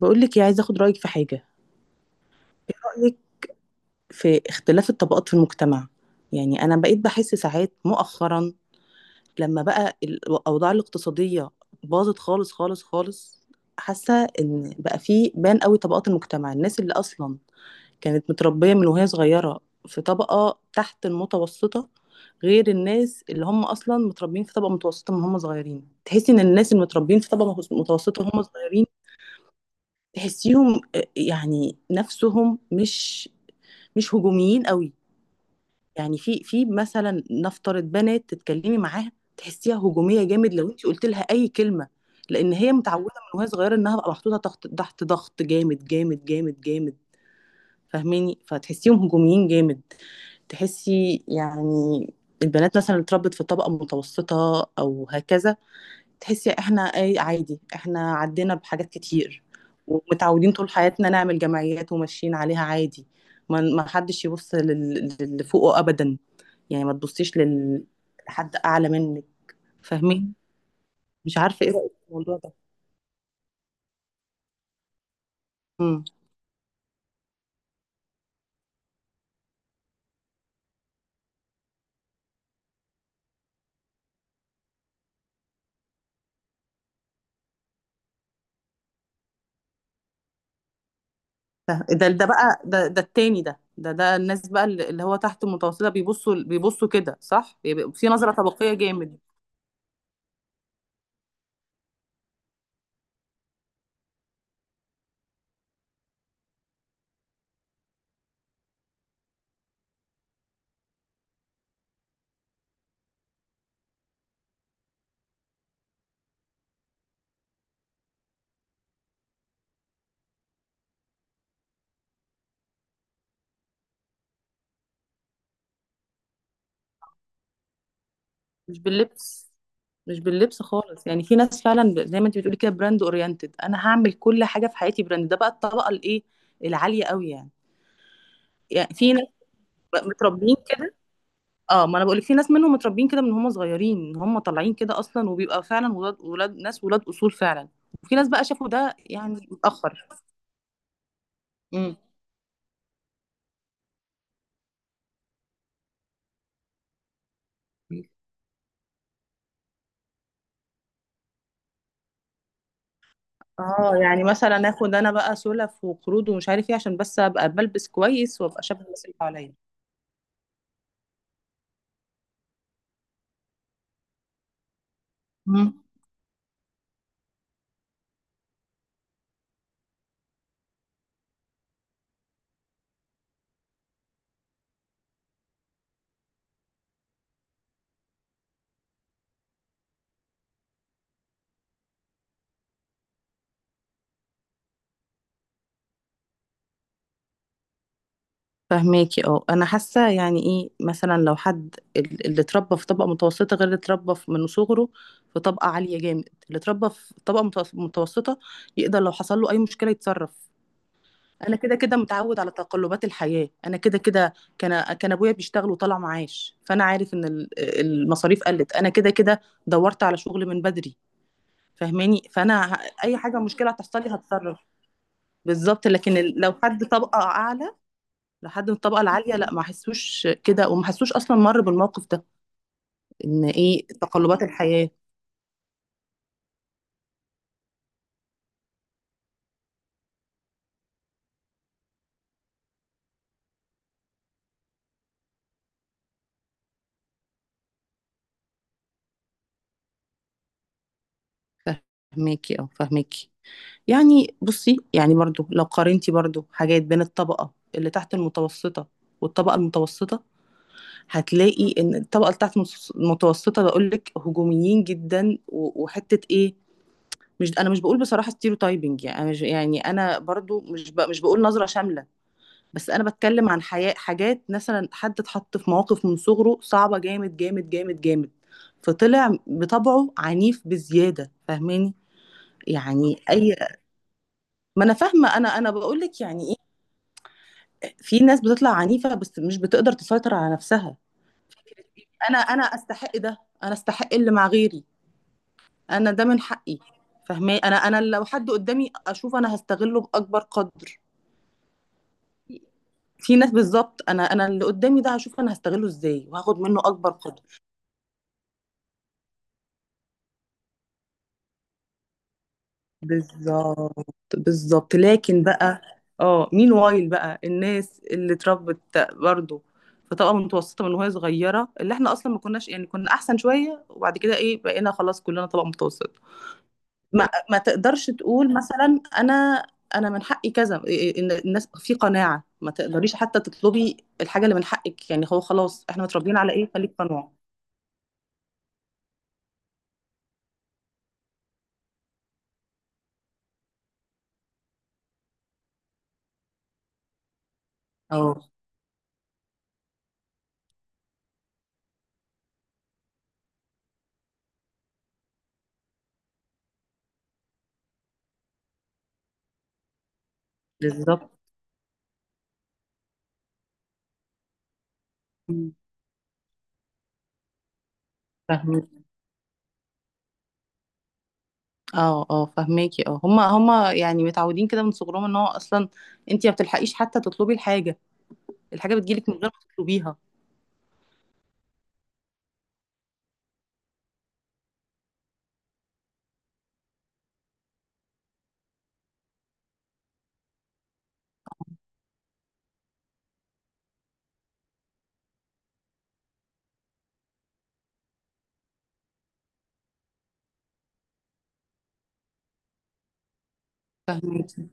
بقول لك ايه، عايزه اخد رايك في حاجه. رايك في اختلاف الطبقات في المجتمع. يعني انا بقيت بحس ساعات مؤخرا لما بقى الاوضاع الاقتصاديه باظت خالص خالص خالص. حاسه ان بقى في بان قوي طبقات المجتمع، الناس اللي اصلا كانت متربيه من وهي صغيره في طبقه تحت المتوسطه غير الناس اللي هم اصلا متربيين في طبقه متوسطه من هم صغيرين. تحسي ان الناس المتربيين في طبقه متوسطه وهم صغيرين تحسيهم آه، يعني نفسهم مش هجوميين قوي. يعني في مثلا نفترض بنات تتكلمي معاها تحسيها هجوميه جامد لو انت قلت لها اي كلمه، لان هي متعوده من وهي صغيره انها بقى محطوطه تحت ضغط جامد جامد جامد جامد. فاهماني، فتحسيهم هجوميين جامد. تحسي يعني البنات مثلا اللي اتربت في طبقه متوسطه او هكذا، تحسي احنا اي عادي، احنا عدينا بحاجات كتير ومتعودين طول حياتنا نعمل جمعيات وماشيين عليها عادي. ما حدش يبص للي فوقه ابدا. يعني ما تبصيش لحد اعلى منك. فاهمين. مش عارفه ايه رايك في الموضوع ده. امم. ده التاني ده الناس بقى اللي هو تحت المتوسطه بيبصوا كده صح، بيبقى في نظره طبقيه جامد. مش باللبس، مش باللبس خالص. يعني في ناس فعلا زي ما انت بتقولي كده براند اورينتد، انا هعمل كل حاجه في حياتي براند. ده بقى الطبقه الايه، العاليه قوي يعني. يعني في ناس بقى متربيين كده. اه ما انا بقول لك، في ناس منهم متربيين كده من هم صغيرين ان هم طالعين كده اصلا، وبيبقى فعلا ولاد ولاد ناس ولاد اصول فعلا. وفي ناس بقى شافوا ده يعني متاخر. امم. اه يعني مثلا اخد انا بقى سلف وقروض ومش عارف ايه عشان بس ابقى بلبس كويس وابقى شبه الناس اللي حواليا. فهماكي. اه انا حاسه يعني ايه، مثلا لو حد اللي اتربى في طبقه متوسطه غير اللي اتربى من صغره في طبقه عاليه جامد، اللي اتربى في طبقه متوسطه يقدر لو حصل له اي مشكله يتصرف. انا كده كده متعود على تقلبات الحياه، انا كده كده كان ابويا بيشتغل وطلع معاش فانا عارف ان المصاريف قلت، انا كده كده دورت على شغل من بدري. فاهماني. اي حاجه مشكله هتحصل لي هتصرف. بالظبط. لكن لو حد طبقه اعلى، لحد من الطبقه العاليه، لا ما حسوش كده وما حسوش اصلا مر بالموقف ده، ان ايه تقلبات الحياه. فهماكي او فهماكي. يعني بصي، يعني برضو لو قارنتي برضو حاجات بين الطبقه اللي تحت المتوسطه والطبقه المتوسطه، هتلاقي ان الطبقه اللي تحت المتوسطه بقول لك هجوميين جدا وحته ايه. مش انا مش بقول بصراحه ستيريوتايبنج، يعني أنا مش- يعني انا برضو مش بقول نظره شامله. بس انا بتكلم عن حياة، حاجات مثلا حد اتحط في مواقف من صغره صعبة جامد جامد جامد جامد، فطلع بطبعه عنيف بزيادة. فاهماني. يعني اي. ما انا فاهمة، انا بقول لك يعني ايه، في ناس بتطلع عنيفة بس مش بتقدر تسيطر على نفسها. انا استحق ده، انا استحق اللي مع غيري، انا ده من حقي. فاهماني. انا لو حد قدامي اشوف انا هستغله باكبر قدر. في ناس، بالظبط. انا اللي قدامي ده هشوف انا هستغله ازاي وهاخد منه اكبر قدر. بالظبط. بالظبط لكن بقى، اه مين وايل بقى الناس اللي اتربت برضه في طبقه متوسطه من وهي صغيره، اللي احنا اصلا ما كناش يعني كنا احسن شويه وبعد كده ايه بقينا خلاص كلنا طبقه متوسطه. ما تقدرش تقول مثلا انا، انا من حقي كذا إيه، إن الناس في قناعه ما تقدريش حتى تطلبي الحاجه اللي من حقك، يعني هو خلاص احنا متربيين على ايه، خليك قنوع. اه بالظبط. اه اه فهماكي. اه هما يعني متعودين كده من صغرهم، ان هو اصلا انت ما بتلحقيش حتى تطلبي الحاجه، الحاجه بتجيلك من غير ما تطلبيها. فهماكي.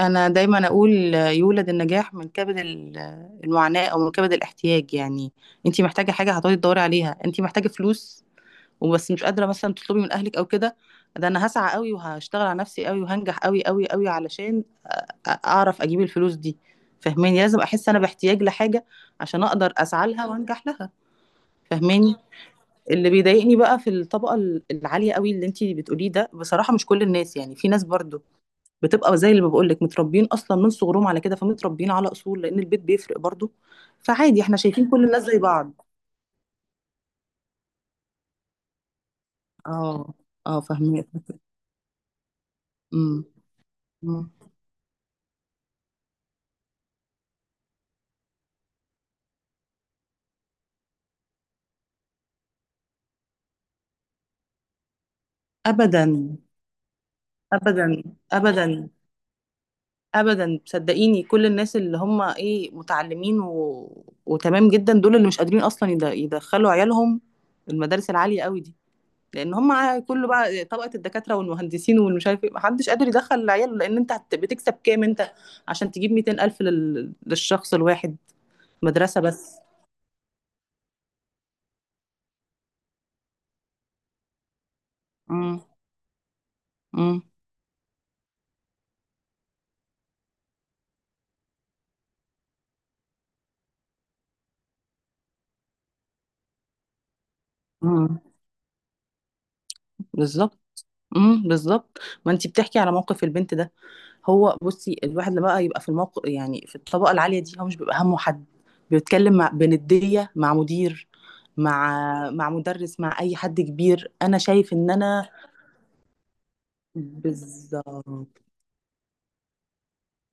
انا دايما اقول آه، يولد النجاح من كبد المعاناه، او من كبد الاحتياج. يعني انت محتاجه حاجه هتقعدي تدوري عليها، انت محتاجه فلوس وبس مش قادره مثلا تطلبي من اهلك او كده، ده انا هسعى قوي وهشتغل على نفسي قوي وهنجح قوي قوي قوي علشان اعرف اجيب الفلوس دي. فاهماني، لازم احس انا باحتياج لحاجه عشان اقدر اسعى لها وانجح لها. فاهماني. اللي بيضايقني بقى في الطبقه العاليه قوي اللي انتي بتقوليه ده، بصراحه مش كل الناس يعني، في ناس برضو بتبقى زي اللي بقول لك متربيين اصلا من صغرهم على كده، فمتربيين على اصول لان البيت بيفرق برضو، فعادي احنا شايفين كل الناس زي بعض. اه اه فاهمك. امم. أمم. ابدا. ابدا. ابدا. ابدا صدقيني، كل الناس اللي هم ايه متعلمين وتمام جدا دول اللي مش قادرين اصلا يدخلوا عيالهم المدارس العاليه قوي دي، لان هم كله بقى طبقه الدكاتره والمهندسين والمش عارف ايه، محدش قادر يدخل عياله، لان انت بتكسب كام انت عشان تجيب 200 الف للشخص الواحد مدرسه بس. امم. امم. امم بالظبط. بالظبط. ما انت بتحكي على موقف البنت ده. هو بصي الواحد لما بقى يبقى في الموقف، يعني في الطبقه العاليه دي، هو مش بيبقى همه حد، بيتكلم مع بنديه، مع مدير، مع مدرس، مع اي حد كبير، انا شايف ان انا، بالظبط،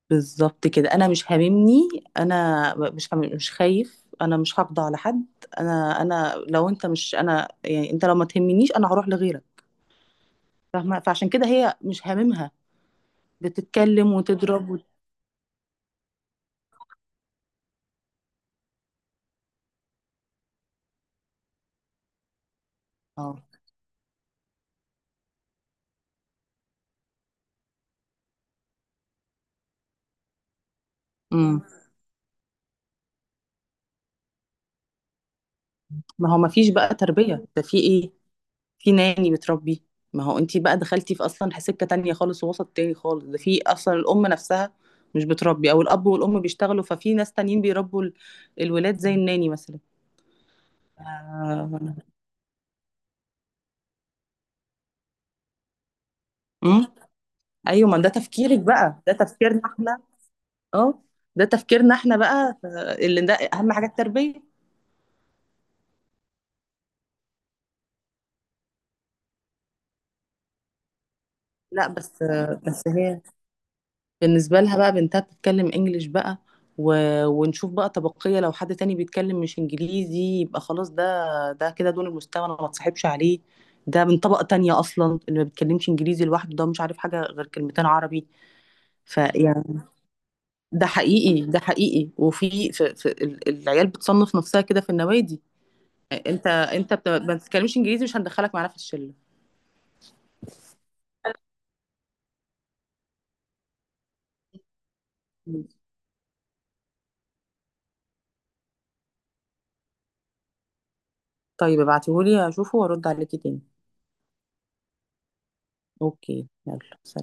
بالظبط كده. انا مش هاممني، انا مش خايف، انا مش هقضى على حد. انا لو انت مش انا، يعني انت لو ما تهمنيش انا هروح لغيرك. فاهمه. فعشان كده هي مش هاممها، بتتكلم وتضرب اه. امم. ما هو ما فيش بقى تربيه، ده في ايه، في ناني بتربي. ما هو انت بقى دخلتي في اصلا سكه تانية خالص ووسط تاني خالص، ده في اصلا الام نفسها مش بتربي، او الاب والام بيشتغلوا ففي ناس تانيين بيربوا الولاد زي الناني مثلا. آه. ايوه ما ده تفكيرك بقى، ده تفكيرنا احنا. اه ده تفكيرنا احنا بقى اللي ده اهم حاجه التربيه. لا بس، بس هي بالنسبه لها بقى بنتها بتتكلم انجليش بقى و... ونشوف بقى طبقيه، لو حد تاني بيتكلم مش انجليزي يبقى خلاص ده، ده كده دون المستوى انا ما اتصاحبش عليه، ده من طبقه تانية اصلا، اللي ما بيتكلمش انجليزي لوحده ده مش عارف حاجه غير كلمتين عربي. فيعني ده حقيقي، ده حقيقي، وفي العيال بتصنف نفسها كده في النوادي. انت ما بتتكلمش انجليزي مش هندخلك معانا في الشله. مم. طيب ابعتيهولي اشوفه وارد عليكي تاني. اوكي يلا.